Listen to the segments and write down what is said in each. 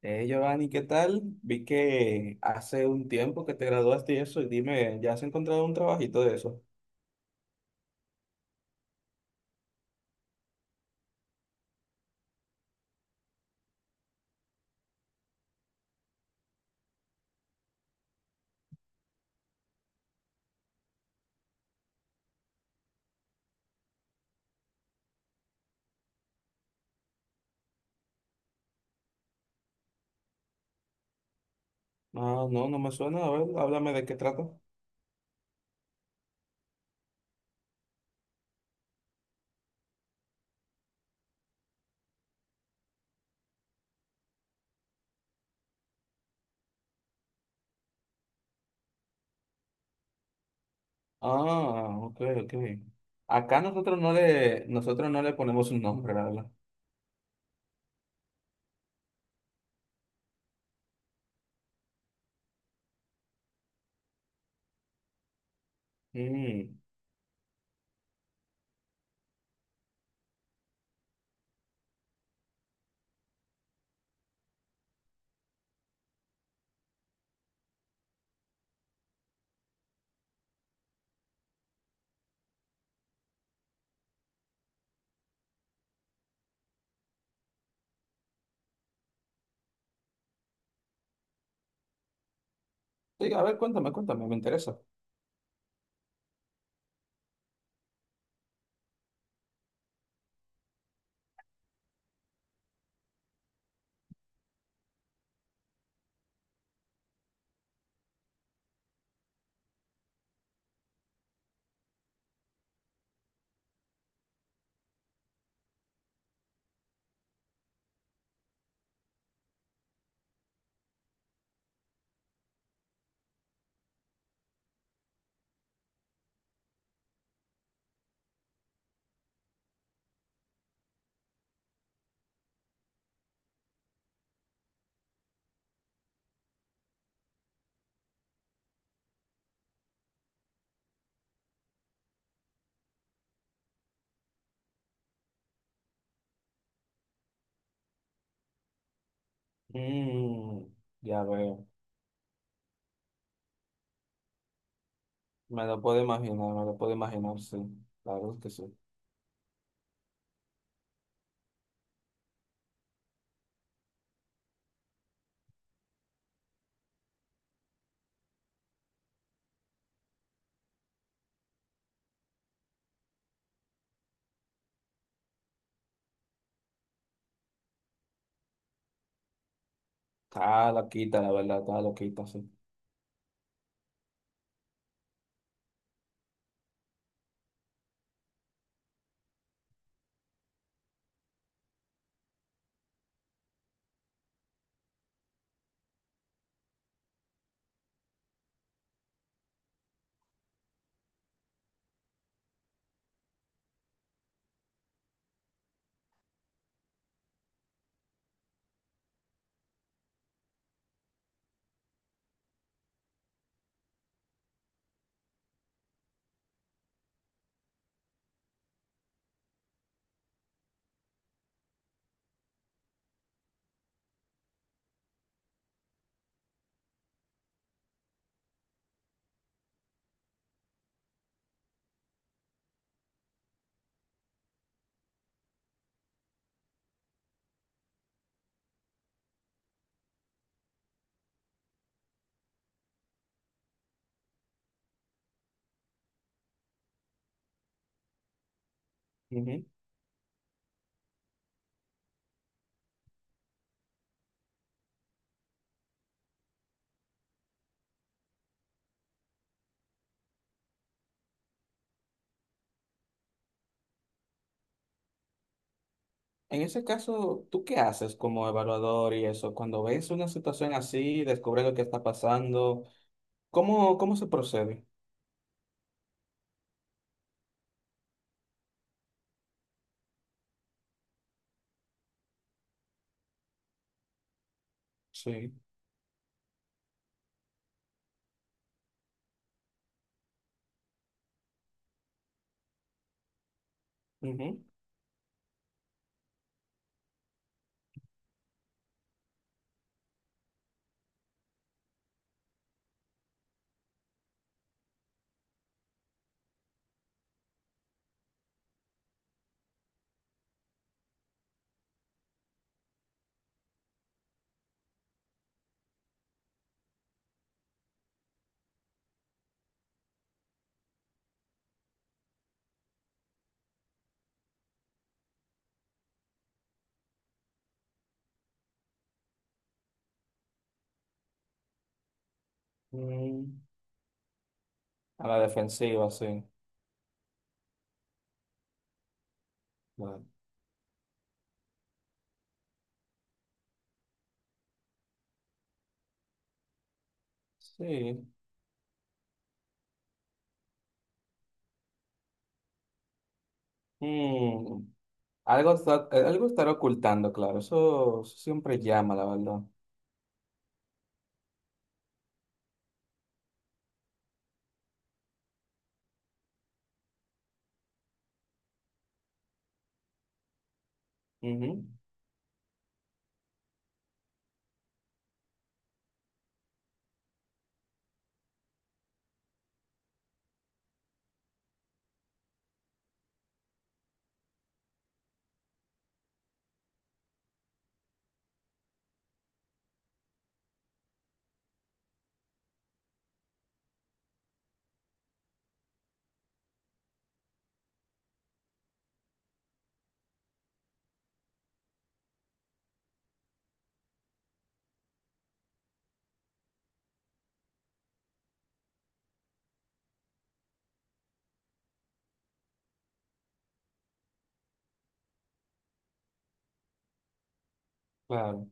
Giovanni, ¿qué tal? Vi que hace un tiempo que te graduaste y eso, y dime, ¿ya has encontrado un trabajito de eso? Ah, no, no me suena. A ver, háblame de qué trata. Ah, ok, ok. Acá nosotros no le ponemos un nombre, la verdad. Mm. Sí, a ver, cuéntame, cuéntame, me interesa. Mm, ya veo. Me lo puedo imaginar, me lo puedo imaginar, sí. Claro que sí. Está loquita, la verdad, está loquita, sí. En ese caso, ¿tú qué haces como evaluador y eso? Cuando ves una situación así, descubres lo que está pasando, ¿cómo, cómo se procede? Sí. Ujú. Mm, a la defensiva, sí. Bueno, sí. Mm, algo está- algo estará ocultando, claro. Eso siempre llama, la verdad. Ujú, claro.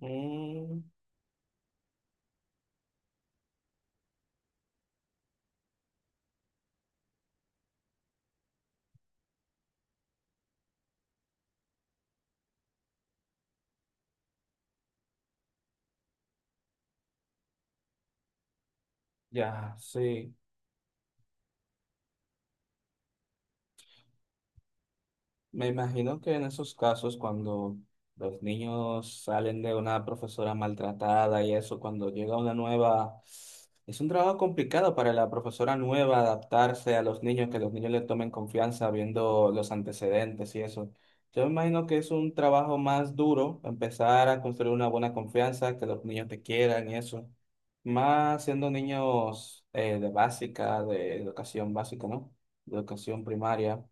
Mm, ya, sí. Me imagino que en esos casos, cuando los niños salen de una profesora maltratada y eso, cuando llega una nueva, es un trabajo complicado para la profesora nueva adaptarse a los niños, que los niños le tomen confianza viendo los antecedentes y eso. Yo me imagino que es un trabajo más duro empezar a construir una buena confianza, que los niños te quieran y eso. Más siendo niños de básica, de educación básica, ¿no? De educación primaria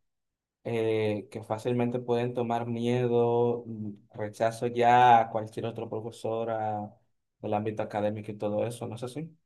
que fácilmente pueden tomar miedo, mm, rechazo ya a cualquier otro profesora del ámbito académico y todo eso, ¿no es así?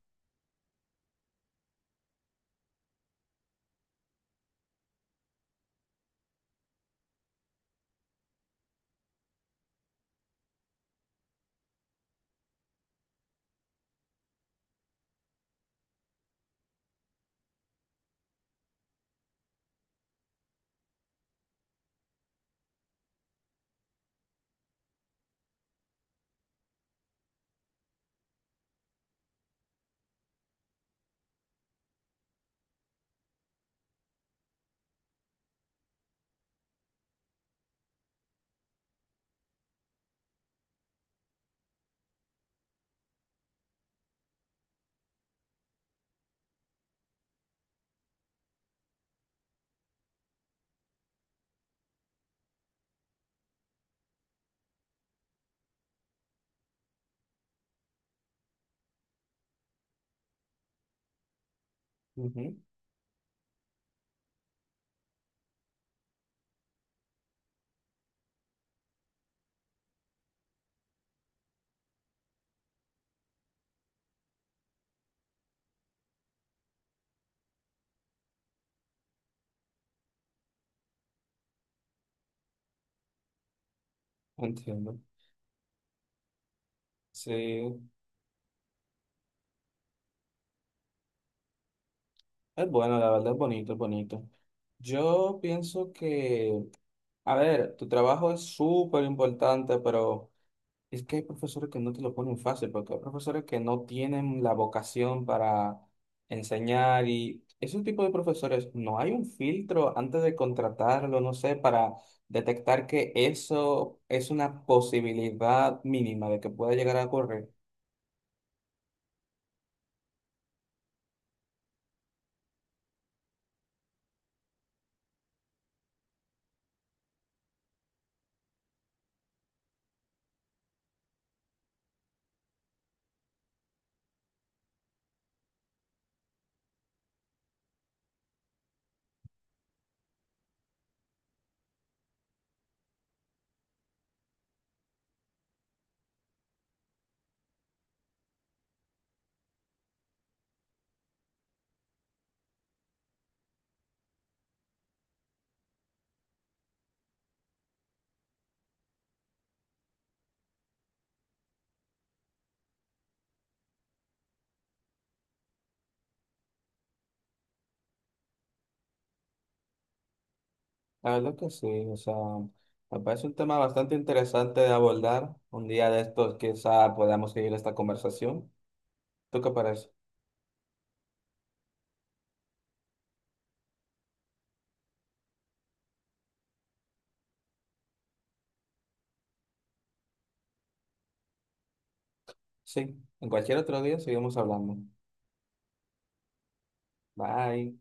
Ujú, entiendo. Sí, es bueno, la verdad es bonito, es bonito. Yo pienso que, a ver, tu trabajo es súper importante, pero... Es que hay profesores que no te lo ponen fácil, porque hay profesores que no tienen la vocación para enseñar y ese tipo de profesores, no hay un filtro antes de contratarlo, no sé, para detectar que eso es una posibilidad mínima de que pueda llegar a ocurrir. La verdad que sí, o sea, me parece un tema bastante interesante de abordar. Un día de estos quizá podamos seguir esta conversación. ¿Tú qué parece? Sí, en cualquier otro día seguimos hablando. Bye.